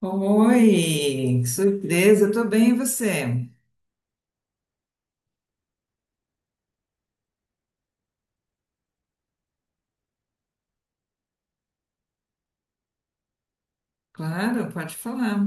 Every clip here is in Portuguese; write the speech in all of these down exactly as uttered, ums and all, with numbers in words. Oi, que surpresa, eu tô bem, e você? Claro, pode falar.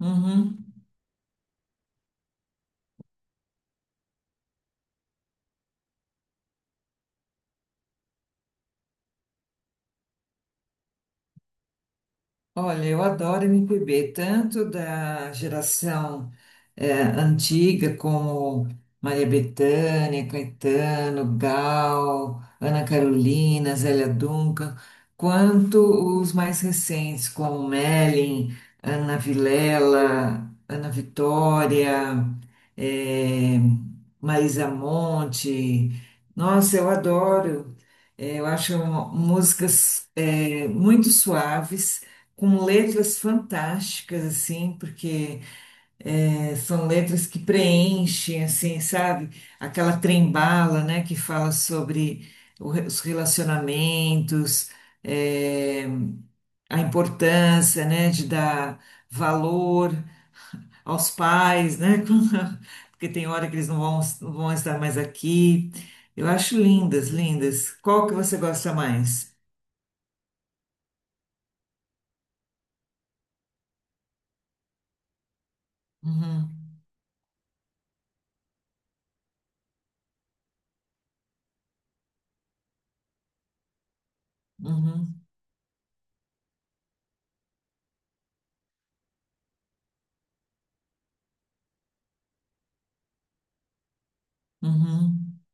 Uhum. Olha, eu adoro M P B, tanto da geração eh, antiga, como Maria Bethânia, Caetano, Gal, Ana Carolina, Zélia Duncan, quanto os mais recentes, como Mellin, Ana Vilela, Ana Vitória, eh, Marisa Monte. Nossa, eu adoro. Eh, Eu acho músicas eh, muito suaves com letras fantásticas, assim, porque é, são letras que preenchem, assim, sabe? Aquela trem-bala, né, que fala sobre o re- os relacionamentos, é, a importância, né, de dar valor aos pais, né, quando- porque tem hora que eles não vão, não vão estar mais aqui. Eu acho lindas, lindas. Qual que você gosta mais? Uhum, uhum, uhum,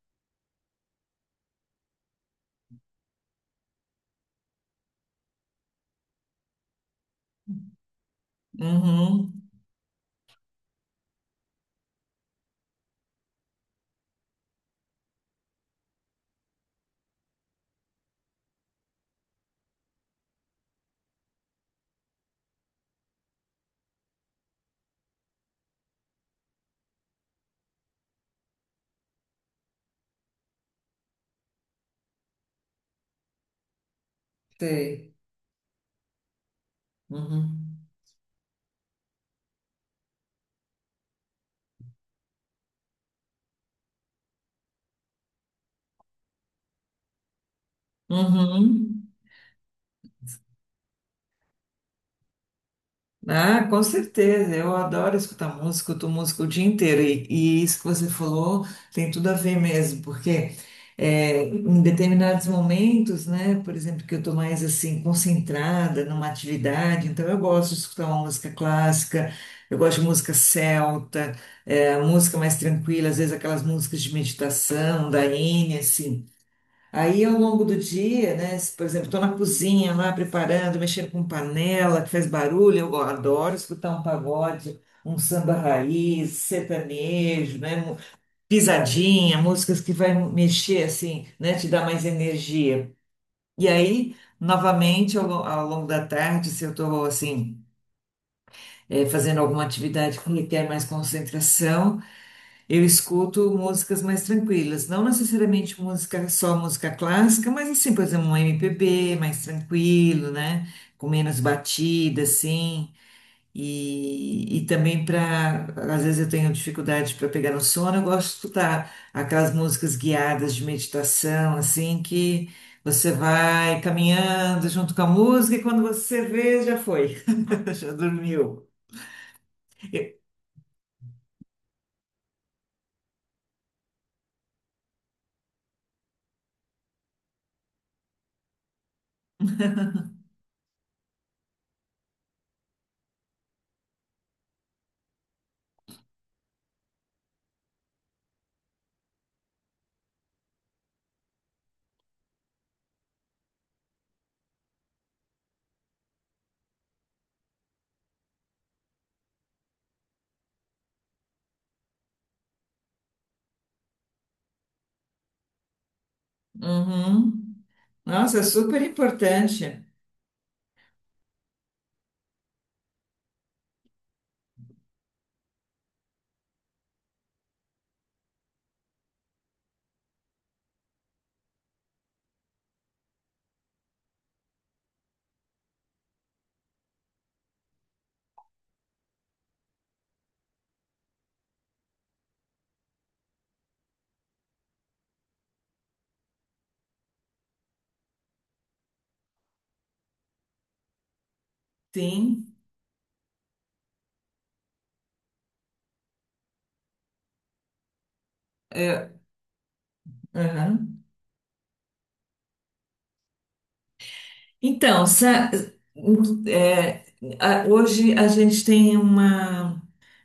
uhum. Sei. Uhum. Uhum. Ah, com certeza. Eu adoro escutar música, escuto música o dia inteiro. E, e isso que você falou tem tudo a ver mesmo, porque é, em determinados momentos, né, por exemplo, que eu estou mais assim concentrada numa atividade, então eu gosto de escutar uma música clássica, eu gosto de música celta, é, música mais tranquila, às vezes aquelas músicas de meditação, da Enya, assim. Aí, ao longo do dia, né, se, por exemplo, estou na cozinha lá preparando, mexendo com panela que faz barulho, eu adoro escutar um pagode, um samba raiz, sertanejo, né, mu- pisadinha, músicas que vai mexer assim, né, te dar mais energia. E aí, novamente, ao, lo- ao longo da tarde, se eu estou assim, eh, fazendo alguma atividade que requer mais concentração, eu escuto músicas mais tranquilas, não necessariamente música, só música clássica, mas assim, por exemplo, um M P B mais tranquilo, né? Com menos batida, assim. E, e também para, às vezes eu tenho dificuldade para pegar no sono, eu gosto de escutar aquelas músicas guiadas de meditação, assim, que você vai caminhando junto com a música e quando você vê, já foi, já dormiu. Eu- Uhum. Nossa, é super importante. Sim. É, aham. Então, sa- é, a- Hoje a gente tem uma.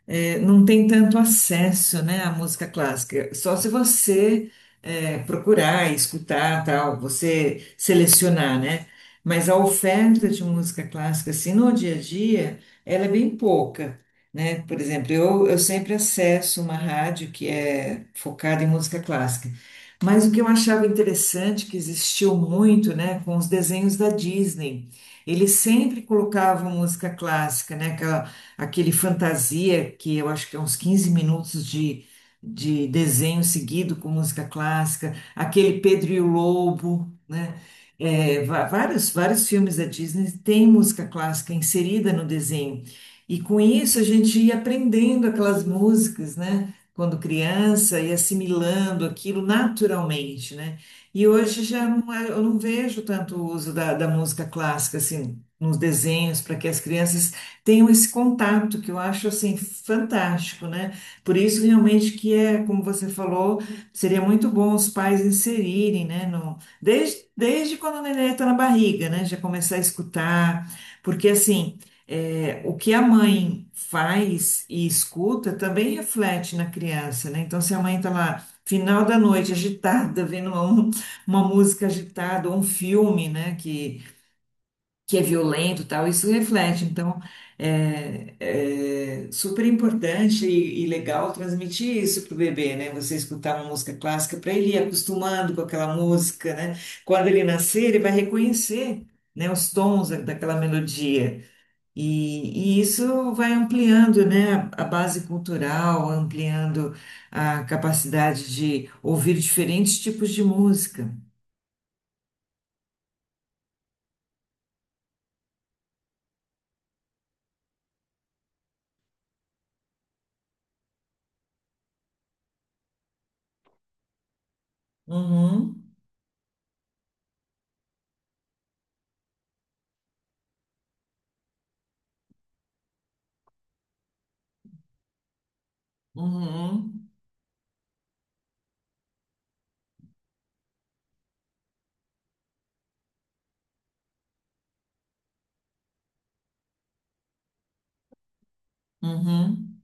É, não tem tanto acesso, né, à música clássica. Só se você é, procurar, escutar, tal, você selecionar, né? Mas a oferta de música clássica, assim, no dia a dia, ela é bem pouca, né? Por exemplo, eu, eu sempre acesso uma rádio que é focada em música clássica. Mas o que eu achava interessante, que existiu muito, né, com os desenhos da Disney, eles sempre colocavam música clássica, né, aquele Fantasia, que eu acho que é uns quinze minutos de, de desenho seguido com música clássica, aquele Pedro e o Lobo, né? É, va- vários, vários filmes da Disney têm música clássica inserida no desenho. E com isso a gente ia aprendendo aquelas músicas, né? Quando criança, e assimilando aquilo naturalmente, né? E hoje já não, é- eu não vejo tanto o uso da, da música clássica assim nos desenhos para que as crianças tenham esse contato que eu acho assim fantástico, né? Por isso realmente que é, como você falou, seria muito bom os pais inserirem, né? No, desde, desde quando o neném está na barriga, né? Já começar a escutar, porque assim é, o que a mãe faz e escuta também reflete na criança, né? Então, se a mãe está lá, final da noite, agitada, vendo uma, uma música agitada, ou um filme, né? Que que é violento e tal, isso reflete. Então, é, é super importante e, e legal transmitir isso pro bebê, né? Você escutar uma música clássica para ele ir acostumando com aquela música, né? Quando ele nascer, ele vai reconhecer, né, os tons da- daquela melodia. E, e isso vai ampliando, né, a base cultural, ampliando a capacidade de ouvir diferentes tipos de música. Uhum, uhum, uhum,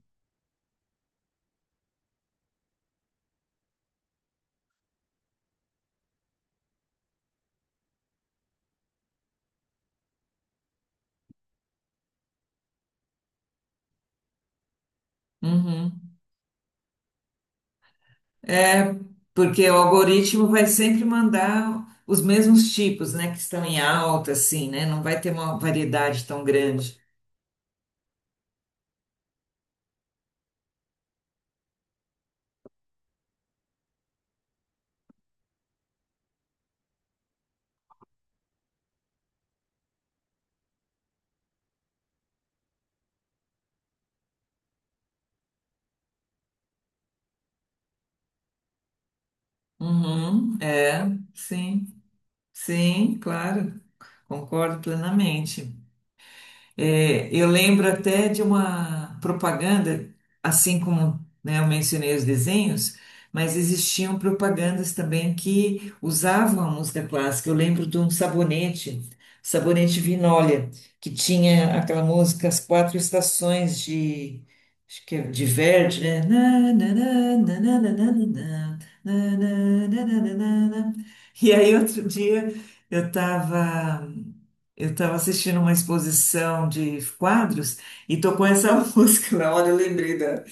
uhum. É, porque o algoritmo vai sempre mandar os mesmos tipos, né, que estão em alta, assim, né? Não vai ter uma variedade tão grande. Uhum, é, sim, sim, claro, concordo plenamente. É, eu lembro até de uma propaganda, assim como, né, eu mencionei os desenhos, mas existiam propagandas também que usavam a música clássica. Eu lembro de um sabonete, sabonete Vinólia, que tinha aquela música As Quatro Estações de, acho que é de Verdi, né? Na, na, na, na, na, na, na, na, na, na, na, na, na, na, na. E aí, outro dia, eu estava. Eu estava assistindo uma exposição de quadros e tocou essa música na hora, eu lembrei da.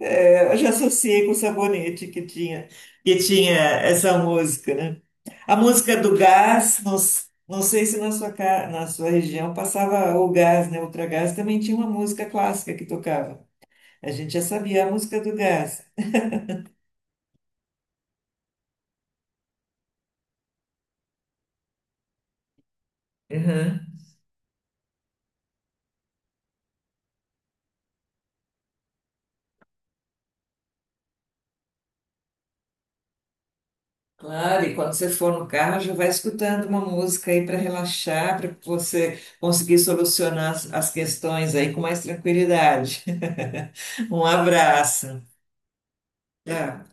É, eu já associei com o sabonete que tinha, que tinha essa música, né? A música do gás, não, s- não sei se na sua, ca- na sua região passava o gás, né? Ultragás também tinha uma música clássica que tocava. A gente já sabia a música do gás. Claro, e quando você for no carro, já vai escutando uma música aí para relaxar, para você conseguir solucionar as, as questões aí com mais tranquilidade. Um abraço. Tchau.